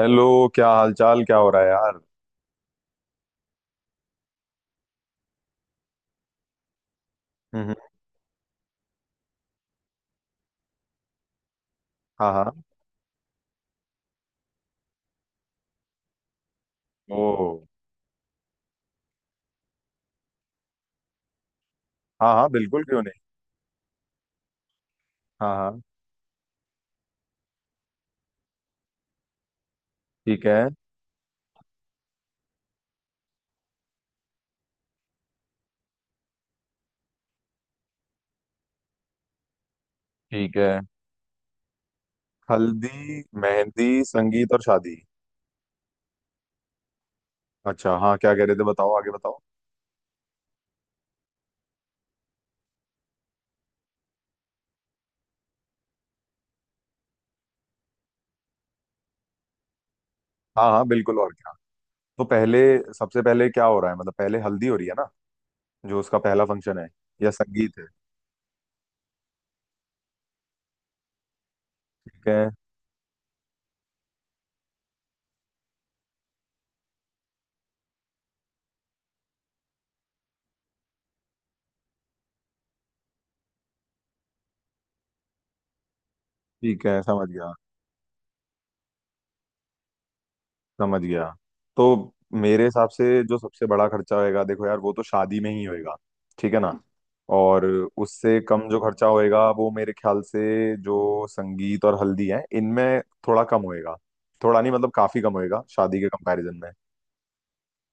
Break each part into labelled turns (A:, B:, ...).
A: Hello. क्या हालचाल? क्या हो रहा है यार? हम्म। हाँ हाँ। ओ। हाँ हाँ, बिल्कुल, क्यों नहीं? हाँ हाँ। ठीक है। ठीक है। हल्दी, मेहंदी, संगीत और शादी। अच्छा हाँ, क्या कह रहे थे? बताओ, आगे बताओ। हाँ हाँ बिल्कुल, और क्या। तो पहले, सबसे पहले क्या हो रहा है? मतलब पहले हल्दी हो रही है ना, जो उसका पहला फंक्शन है, या संगीत है? ठीक है। ठीक है, समझ गया समझ गया। तो मेरे हिसाब से जो सबसे बड़ा खर्चा होएगा देखो यार, वो तो शादी में ही होएगा, ठीक है ना? और उससे कम जो खर्चा होएगा वो मेरे ख्याल से जो संगीत और हल्दी है इनमें थोड़ा कम होएगा। थोड़ा नहीं मतलब काफी कम होएगा शादी के कंपैरिजन में।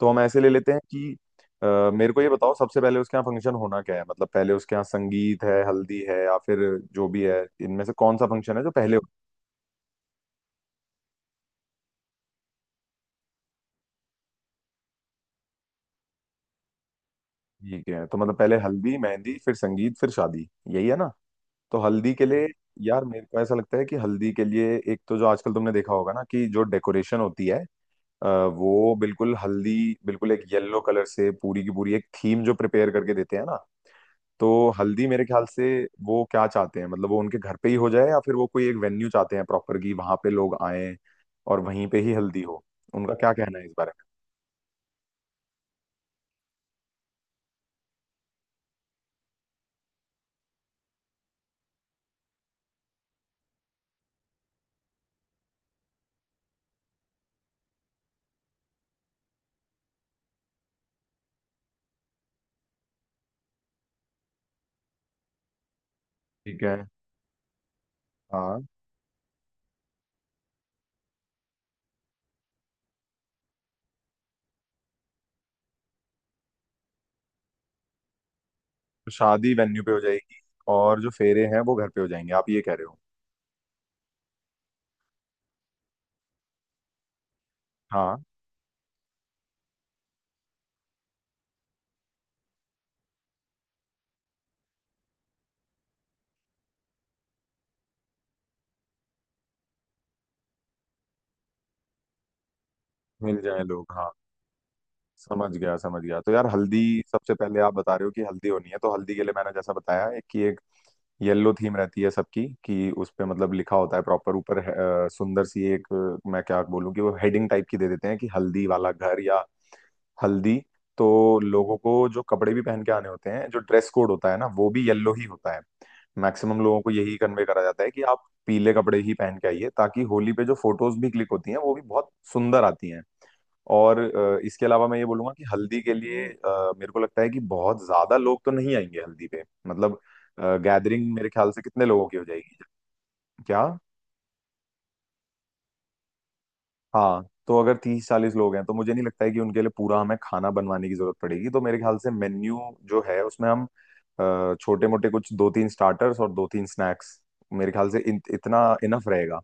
A: तो हम ऐसे ले लेते हैं कि मेरे को ये बताओ, सबसे पहले उसके यहाँ फंक्शन होना क्या है? मतलब पहले उसके यहाँ संगीत है, हल्दी है, या फिर जो भी है इनमें से कौन सा फंक्शन है जो पहले हो-? ठीक है, तो मतलब पहले हल्दी, मेहंदी, फिर संगीत, फिर शादी, यही है ना? तो हल्दी के लिए यार, मेरे को ऐसा लगता है कि हल्दी के लिए एक तो जो आजकल तुमने देखा होगा ना कि जो डेकोरेशन होती है, अ, वो बिल्कुल हल्दी, बिल्कुल एक येलो कलर से पूरी की पूरी एक थीम जो प्रिपेयर करके देते हैं ना। तो हल्दी मेरे ख्याल से, वो क्या चाहते हैं? मतलब वो उनके घर पे ही हो जाए, या फिर वो कोई एक वेन्यू चाहते हैं प्रॉपर कि वहां पे लोग आए और वहीं पे ही हल्दी हो? उनका क्या कहना है इस बारे में? ठीक है। हाँ। तो शादी वेन्यू पे हो जाएगी, और जो फेरे हैं वो घर पे हो जाएंगे, आप ये कह रहे हो? हाँ। मिल जाए लोग, हाँ। समझ गया समझ गया। तो यार हल्दी, सबसे पहले आप बता रहे हो कि हल्दी होनी है, तो हल्दी के लिए मैंने जैसा बताया, एक कि एक येलो थीम रहती है सबकी, कि उस पे मतलब लिखा होता है प्रॉपर ऊपर, सुंदर सी एक, मैं क्या बोलूं कि वो हेडिंग टाइप की दे देते हैं कि हल्दी वाला घर, या हल्दी। तो लोगों को जो कपड़े भी पहन के आने होते हैं जो ड्रेस कोड होता है ना, वो भी येलो ही होता है। मैक्सिमम लोगों को यही कन्वे करा जाता है कि आप पीले कपड़े ही पहन के आइए, ताकि होली पे जो फोटोज भी क्लिक होती हैं वो भी बहुत सुंदर आती हैं। और इसके अलावा मैं ये बोलूंगा कि हल्दी के लिए मेरे को लगता है कि बहुत ज्यादा लोग तो नहीं आएंगे हल्दी पे, मतलब गैदरिंग मेरे ख्याल से कितने लोगों की हो जाएगी? क्या? हाँ, तो अगर तीस चालीस लोग हैं तो मुझे नहीं लगता है कि उनके लिए पूरा हमें खाना बनवाने की जरूरत पड़ेगी, तो मेरे ख्याल से मेन्यू जो है उसमें हम छोटे मोटे कुछ दो तीन स्टार्टर्स और दो तीन स्नैक्स मेरे ख्याल से, इतना इनफ रहेगा,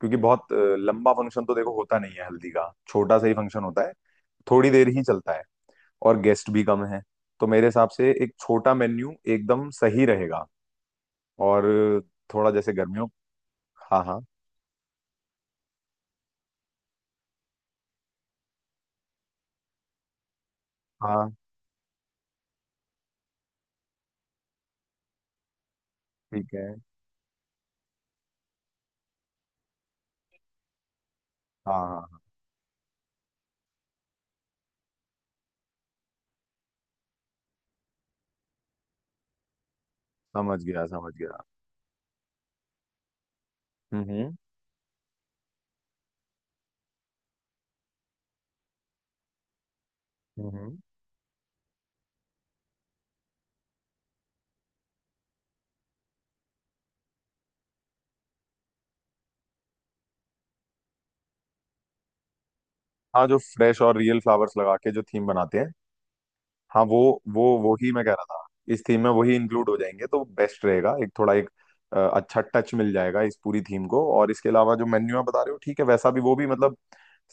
A: क्योंकि बहुत लंबा फंक्शन तो देखो होता नहीं है हल्दी का, छोटा सा ही फंक्शन होता है, थोड़ी देर ही चलता है, और गेस्ट भी कम हैं, तो मेरे हिसाब से एक छोटा मेन्यू एकदम सही रहेगा। और थोड़ा जैसे गर्मियों, हाँ हाँ हाँ। ठीक है। हाँ हाँ हाँ। समझ गया समझ गया। हम्म हम्म हम्म। हाँ, जो फ्रेश और रियल फ्लावर्स लगा के जो थीम बनाते हैं, हाँ वो ही मैं कह रहा था, इस थीम में वही इंक्लूड हो जाएंगे तो बेस्ट रहेगा, एक थोड़ा एक अच्छा टच मिल जाएगा इस पूरी थीम को। और इसके अलावा जो मेन्यू आप बता रहे हो ठीक है, वैसा भी वो भी मतलब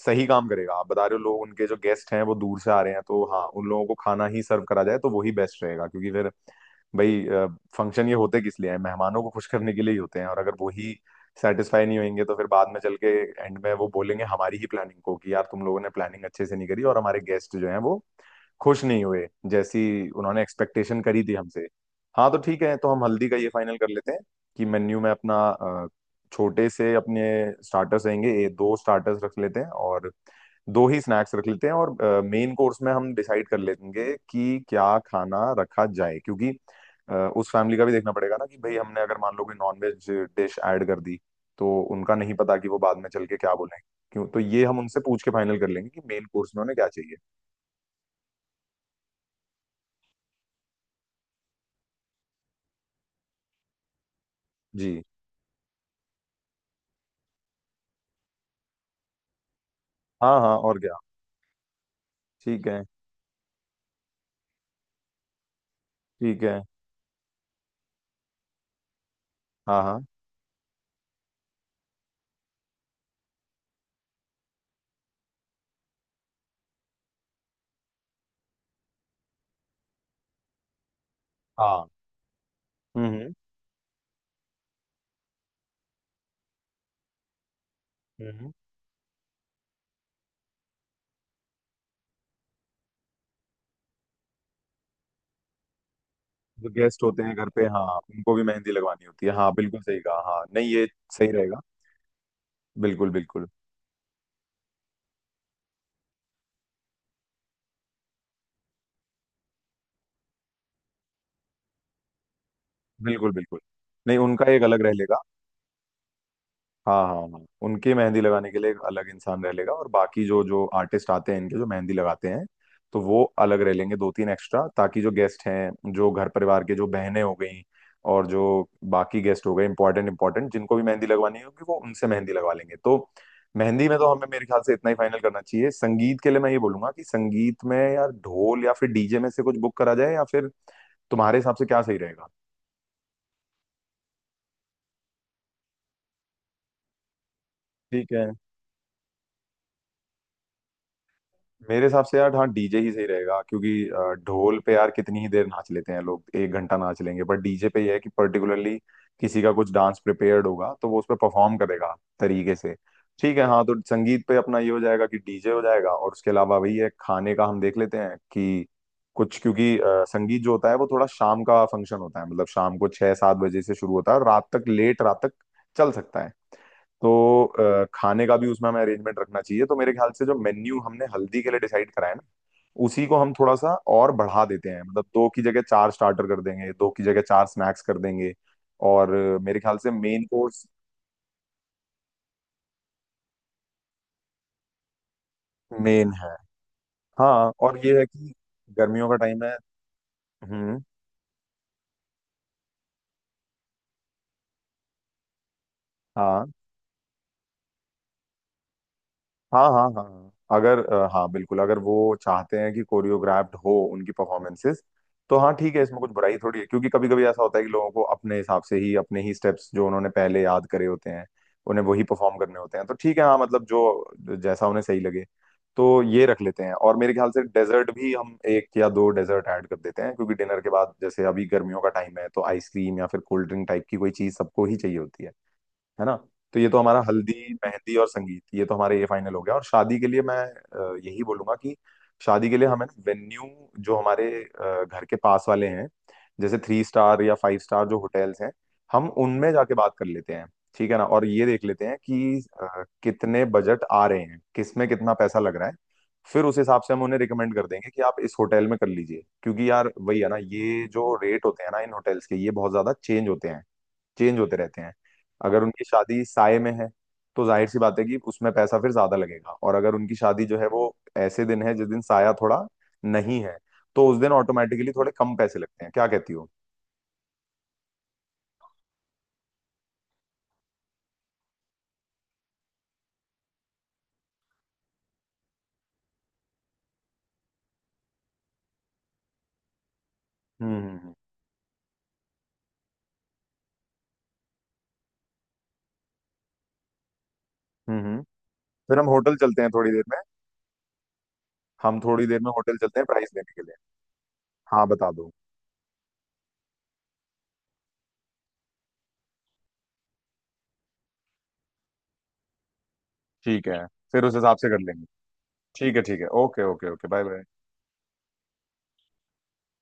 A: सही काम करेगा। आप बता रहे हो लोग उनके जो गेस्ट हैं वो दूर से आ रहे हैं, तो हाँ उन लोगों को खाना ही सर्व करा जाए तो वही बेस्ट रहेगा, क्योंकि फिर भाई, फंक्शन ये होते किस लिए हैं? मेहमानों को खुश करने के लिए ही होते हैं, और अगर वही सेटिस्फाई नहीं होंगे तो फिर बाद में चल के, एंड में वो बोलेंगे हमारी ही प्लानिंग को कि यार तुम लोगों ने प्लानिंग अच्छे से नहीं करी और हमारे गेस्ट जो हैं वो खुश नहीं हुए, जैसी उन्होंने एक्सपेक्टेशन करी थी हमसे। हाँ, तो ठीक है, तो हम हल्दी का ये फाइनल कर लेते हैं कि मेन्यू में अपना छोटे से अपने स्टार्टर्स रहेंगे, ये दो स्टार्टर्स रख लेते हैं और दो ही स्नैक्स रख लेते हैं, और मेन कोर्स में हम डिसाइड कर लेंगे कि क्या खाना रखा जाए, क्योंकि उस फैमिली का भी देखना पड़ेगा ना कि भाई हमने अगर मान लो कोई नॉनवेज डिश ऐड कर दी, तो उनका नहीं पता कि वो बाद में चल के क्या बोलेंगे। क्यों? तो ये हम उनसे पूछ के फाइनल कर लेंगे कि मेन कोर्स में उन्हें क्या चाहिए। जी। हाँ हाँ, और क्या। ठीक है। ठीक है। हाँ हाँ हाँ। हम्म हम्म हम्म। जो गेस्ट होते हैं घर पे, हाँ, उनको भी मेहंदी लगवानी होती है, हाँ बिल्कुल सही कहा। हाँ नहीं, ये सही रहेगा, बिल्कुल बिल्कुल। बिल्कुल बिल्कुल। नहीं, उनका एक अलग रह लेगा। हाँ हाँ हाँ, उनके मेहंदी लगाने के लिए एक अलग इंसान रह लेगा, और बाकी जो जो आर्टिस्ट आते हैं इनके जो मेहंदी लगाते हैं, तो वो अलग रह लेंगे, दो तीन एक्स्ट्रा, ताकि जो गेस्ट हैं, जो घर परिवार के जो बहनें हो गई और जो बाकी गेस्ट हो गए, इंपॉर्टेंट इंपॉर्टेंट जिनको भी मेहंदी लगवानी होगी वो उनसे मेहंदी लगवा लेंगे, तो मेहंदी में तो हमें मेरे ख्याल से इतना ही फाइनल करना चाहिए। संगीत के लिए मैं ये बोलूंगा कि संगीत में यार ढोल या फिर डीजे में से कुछ बुक करा जाए, या फिर तुम्हारे हिसाब से क्या सही रहेगा? ठीक है, मेरे हिसाब से यार हाँ डीजे ही सही रहेगा, क्योंकि ढोल पे यार कितनी ही देर नाच लेते हैं लोग, एक घंटा नाच लेंगे, बट डीजे पे यह है कि पर्टिकुलरली किसी का कुछ डांस प्रिपेयर्ड होगा तो वो उस पर परफॉर्म करेगा तरीके से। ठीक है हाँ, तो संगीत पे अपना ये हो जाएगा कि डीजे हो जाएगा, और उसके अलावा वही है खाने का हम देख लेते हैं कि कुछ, क्योंकि संगीत जो होता है वो थोड़ा शाम का फंक्शन होता है, मतलब शाम को छह सात बजे से शुरू होता है और रात तक, लेट रात तक चल सकता है, तो खाने का भी उसमें हमें अरेंजमेंट रखना चाहिए। तो मेरे ख्याल से जो मेन्यू हमने हल्दी के लिए डिसाइड करा है ना, उसी को हम थोड़ा सा और बढ़ा देते हैं, मतलब दो की जगह चार स्टार्टर कर देंगे, दो की जगह चार स्नैक्स कर देंगे, और मेरे ख्याल से मेन कोर्स मेन है। हाँ, और ये है कि गर्मियों का टाइम है। हम्म। हाँ हाँ हाँ हाँ हाँ। अगर हाँ बिल्कुल, अगर वो चाहते हैं कि कोरियोग्राफ्ड हो उनकी परफॉर्मेंसेस तो हाँ ठीक है, इसमें कुछ बुराई थोड़ी है, क्योंकि कभी कभी ऐसा होता है कि लोगों को अपने हिसाब से ही अपने ही स्टेप्स जो उन्होंने पहले याद करे होते हैं उन्हें वही परफॉर्म करने होते हैं, तो ठीक है हाँ, मतलब जो जैसा उन्हें सही लगे, तो ये रख लेते हैं। और मेरे ख्याल से डेजर्ट भी हम एक या दो डेजर्ट ऐड कर देते हैं, क्योंकि डिनर के बाद जैसे अभी गर्मियों का टाइम है तो आइसक्रीम या फिर कोल्ड ड्रिंक टाइप की कोई चीज सबको ही चाहिए होती है ना? तो ये तो हमारा हल्दी, मेहंदी और संगीत, ये तो हमारा ये फाइनल हो गया। और शादी के लिए मैं यही बोलूंगा कि शादी के लिए हमें ना वेन्यू जो हमारे घर के पास वाले हैं, जैसे थ्री स्टार या फाइव स्टार जो होटल्स हैं, हम उनमें जाके बात कर लेते हैं, ठीक है ना? और ये देख लेते हैं कि कितने बजट आ रहे हैं, किस में कितना पैसा लग रहा है। फिर उस हिसाब से हम उन्हें रिकमेंड कर देंगे कि आप इस होटल में कर लीजिए, क्योंकि यार वही है ना, ये जो रेट होते हैं ना इन होटल्स के, ये बहुत ज्यादा चेंज होते हैं, चेंज होते रहते हैं। अगर उनकी शादी साय में है तो जाहिर सी बात है कि उसमें पैसा फिर ज्यादा लगेगा, और अगर उनकी शादी जो है वो ऐसे दिन है जिस दिन साया थोड़ा नहीं है तो उस दिन ऑटोमेटिकली थोड़े कम पैसे लगते हैं, क्या कहती हो? हम्म हम्म हम्म हम्म। फिर हम होटल चलते हैं थोड़ी देर में। हम थोड़ी देर में होटल चलते हैं प्राइस लेने के लिए। हाँ बता दो। ठीक है, फिर उस हिसाब से कर लेंगे। ठीक है ठीक है, okay okay okay, bye bye.